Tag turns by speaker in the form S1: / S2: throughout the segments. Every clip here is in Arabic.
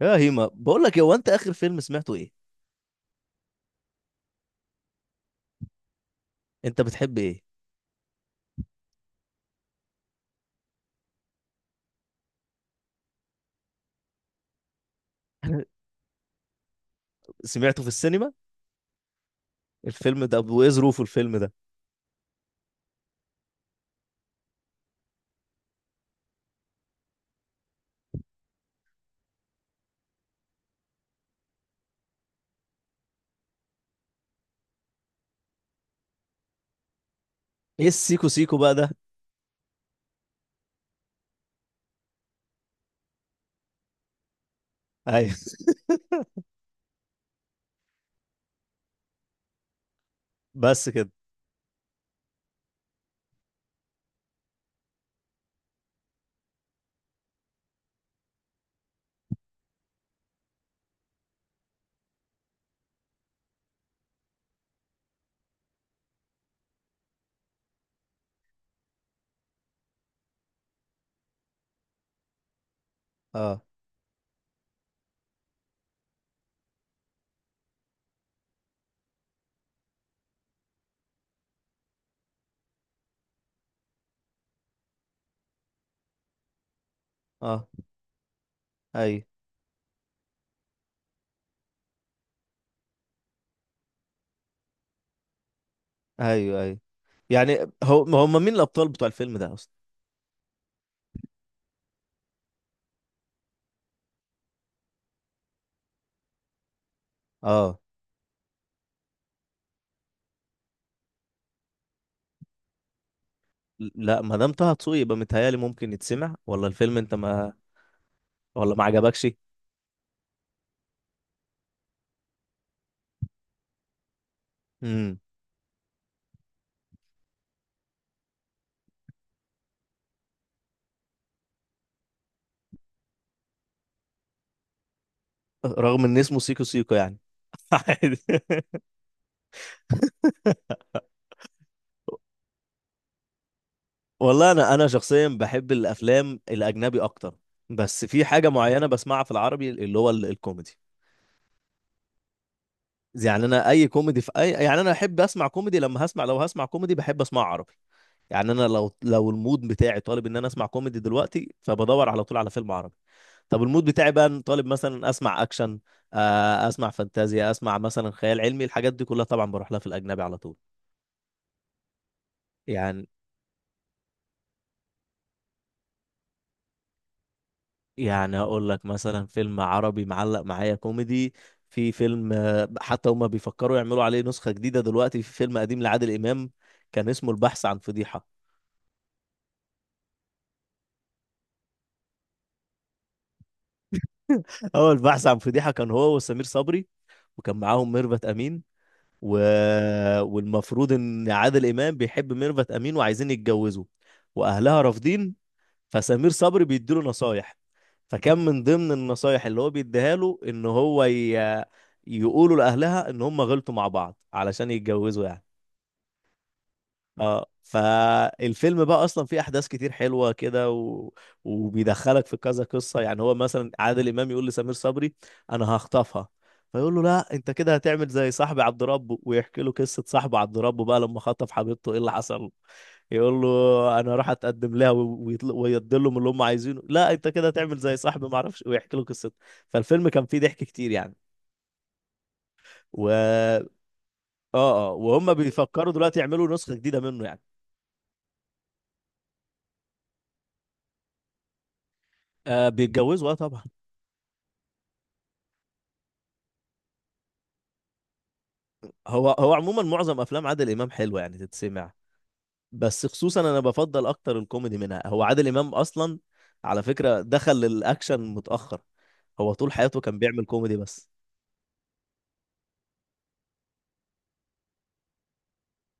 S1: يا هيما بقول لك إيه، هو انت اخر فيلم سمعته ايه؟ انت بتحب ايه؟ سمعته في السينما؟ الفيلم ده، وايه ظروفه الفيلم ده؟ ايه السيكو سيكو بقى ده؟ ايوه. بس كده؟ اه. اه. ايوه، ايوه، ايوه. يعني هو هم مين الابطال بتوع الفيلم ده اصلا؟ اه. لا، ما دام طه دسوقي يبقى متهيألي ممكن يتسمع، ولا الفيلم انت ما ولا ما عجبكش؟ امم. رغم ان اسمه سيكو سيكو يعني. عادي. والله انا شخصيا بحب الافلام الاجنبي اكتر. بس في حاجه معينه بسمعها في العربي اللي هو الكوميدي. يعني انا اي كوميدي في اي، يعني انا احب اسمع كوميدي، لما هسمع لو هسمع كوميدي بحب اسمع عربي. يعني انا لو المود بتاعي طالب ان انا اسمع كوميدي دلوقتي، فبدور على طول على فيلم عربي. طب المود بتاعي بقى طالب مثلا اسمع اكشن، اسمع فانتازيا، اسمع مثلا خيال علمي، الحاجات دي كلها طبعا بروح لها في الاجنبي على طول. يعني. يعني اقول لك مثلا فيلم عربي معلق معايا كوميدي. في فيلم، حتى هما بيفكروا يعملوا عليه نسخة جديدة دلوقتي، في فيلم قديم لعادل إمام. كان اسمه البحث عن فضيحة. هو البحث عن فضيحة كان هو وسمير صبري، وكان معاهم ميرفت أمين و... والمفروض إن عادل إمام بيحب ميرفت أمين وعايزين يتجوزوا، وأهلها رافضين. فسمير صبري بيديله نصايح. فكان من ضمن النصايح اللي هو بيديها له ان هو يقولوا لاهلها ان هم غلطوا مع بعض علشان يتجوزوا يعني. اه، فالفيلم بقى اصلا فيه احداث كتير حلوه كده. وبيدخلك في كذا قصه، يعني هو مثلا عادل امام يقول لسمير صبري، انا هخطفها. فيقول له لا انت كده هتعمل زي صاحبي عبد ربه، ويحكي له قصه صاحبه عبد ربه بقى، لما خطف حبيبته ايه اللي حصل له. يقول له انا راح اتقدم لها، ويدي لهم اللي هم عايزينه. لا انت كده هتعمل زي صاحبي ما اعرفش، ويحكي له قصته. فالفيلم كان فيه ضحك كتير يعني. و اه وهم بيفكروا دلوقتي يعملوا نسخه جديده منه يعني. آه، بيتجوزوا، اه طبعا. هو عموما معظم افلام عادل امام حلوه يعني تتسمع. بس خصوصا انا بفضل اكتر الكوميدي منها، هو عادل امام اصلا، على فكره دخل للاكشن متاخر. هو طول حياته كان بيعمل كوميدي بس.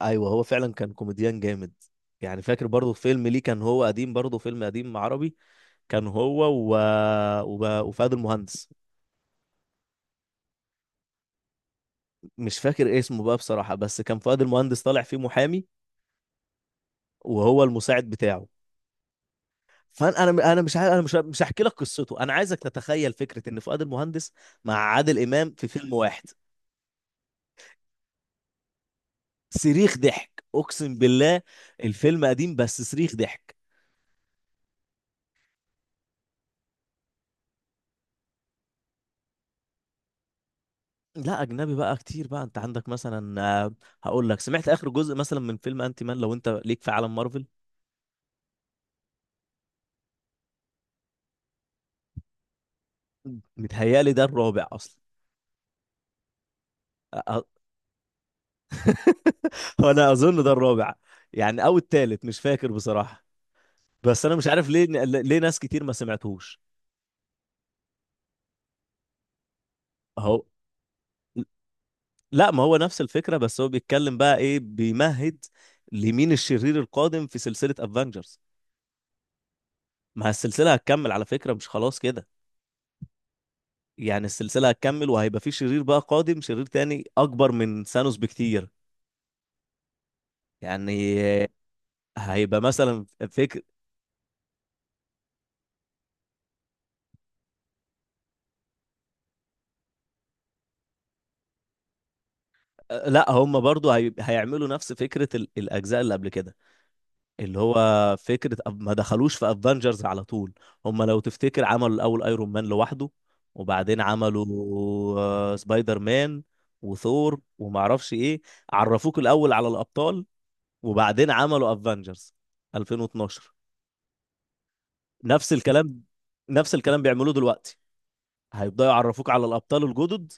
S1: ايوه، هو فعلا كان كوميديان جامد. يعني فاكر برضه فيلم ليه كان، هو قديم برضه فيلم قديم عربي. كان هو وب... وفؤاد المهندس. مش فاكر اسمه بقى بصراحه، بس كان فؤاد المهندس طالع فيه محامي، وهو المساعد بتاعه. فانا انا انا مش عارف، انا مش هحكي لك قصته، انا عايزك تتخيل فكره ان فؤاد المهندس مع عادل امام في فيلم واحد. صريخ ضحك اقسم بالله. الفيلم قديم بس صريخ ضحك. لا، اجنبي بقى كتير بقى، انت عندك مثلا، هقول لك سمعت اخر جزء مثلا من فيلم انتي مان، لو انت ليك في عالم مارفل. متهيالي ده الرابع اصلا. أ- أ- انا اظن ده الرابع. يعني او التالت، مش فاكر بصراحه. بس انا مش عارف ليه ناس كتير ما سمعتهوش. اهو. لا ما هو نفس الفكرة، بس هو بيتكلم بقى ايه، بيمهد لمين الشرير القادم في سلسلة افنجرز. ما السلسلة هتكمل على فكرة، مش خلاص كده. يعني السلسلة هتكمل وهيبقى في شرير بقى قادم، شرير تاني اكبر من ثانوس بكتير. يعني هيبقى مثلا، فكر. لا، هم برضو هيعملوا نفس فكرة الاجزاء اللي قبل كده، اللي هو فكرة ما دخلوش في افنجرز على طول. هم لو تفتكر عملوا الأول ايرون مان لوحده، وبعدين عملوا سبايدر مان وثور ومعرفش ايه. عرفوك الأول على الأبطال، وبعدين عملوا افنجرز 2012. نفس الكلام. نفس الكلام بيعملوه دلوقتي. هيبدأوا يعرفوك على الأبطال الجدد،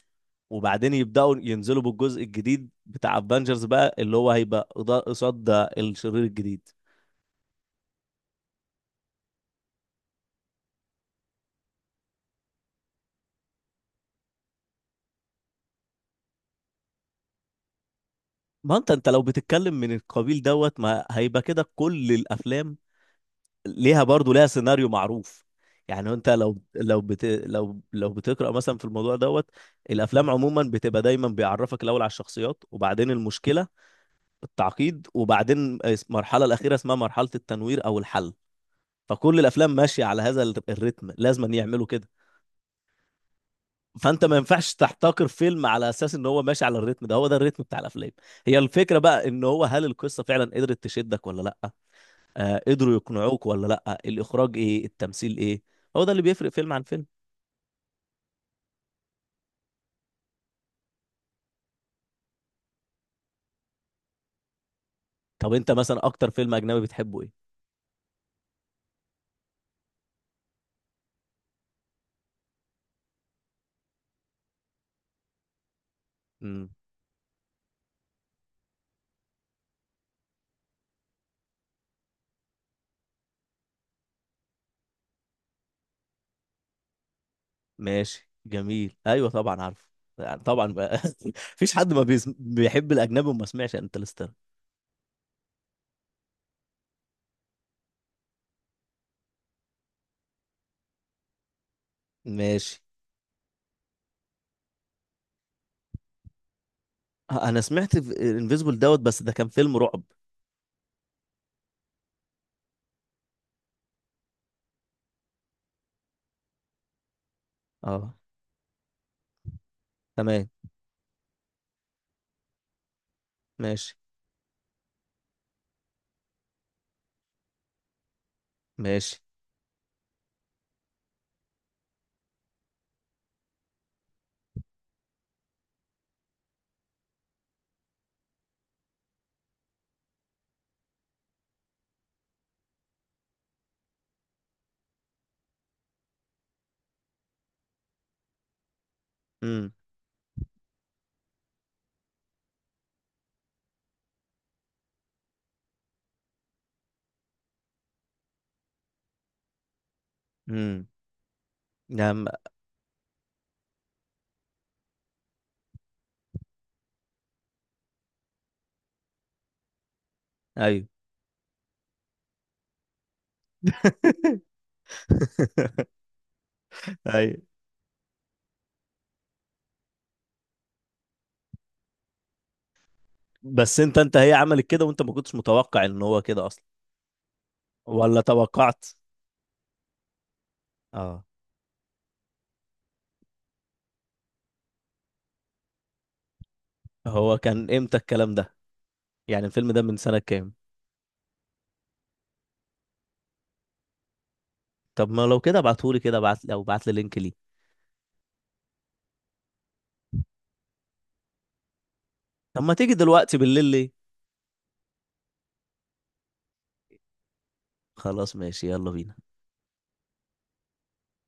S1: وبعدين يبدأوا ينزلوا بالجزء الجديد بتاع افنجرز بقى، اللي هو هيبقى قصاد ده الشرير الجديد. ما انت لو بتتكلم من القبيل دوت، ما هيبقى كده كل الافلام ليها برضو ليها سيناريو معروف. يعني انت لو لو بت لو لو بتقرا مثلا في الموضوع دوت. الافلام عموما بتبقى دايما بيعرفك الاول على الشخصيات، وبعدين المشكله، التعقيد، وبعدين المرحله الاخيره اسمها مرحله التنوير او الحل. فكل الافلام ماشيه على هذا الريتم، لازم يعملوا كده. فانت ما ينفعش تحتكر فيلم على اساس ان هو ماشي على الريتم ده، هو ده الريتم بتاع الافلام. هي الفكره بقى ان هو، هل القصه فعلا قدرت تشدك ولا لا، قدروا يقنعوك ولا لا، الاخراج ايه، التمثيل ايه. هو ده اللي بيفرق فيلم عن فيلم. طب انت مثلا اكتر فيلم اجنبي بتحبه ايه؟ امم. ماشي، جميل، ايوه طبعا عارفه. يعني طبعا بقى. مفيش حد ما بيحب الاجنبي وما سمعش انترستيلر. ماشي. انا سمعت انفيزبل دوت، بس ده كان فيلم رعب. اه. تمام. ماشي. ماشي. امم. امم. نعم. ايوه. ايوه. بس انت هي عملت كده وانت ما كنتش متوقع ان هو كده اصلا، ولا توقعت؟ اه. هو كان امتى الكلام ده؟ يعني الفيلم ده من سنة كام؟ طب ما لو كده ابعتهولي كده، لو بعت لي لينك ليه. طب ما تيجي دلوقتي بالليل ليه؟ خلاص، ماشي، يلا بينا.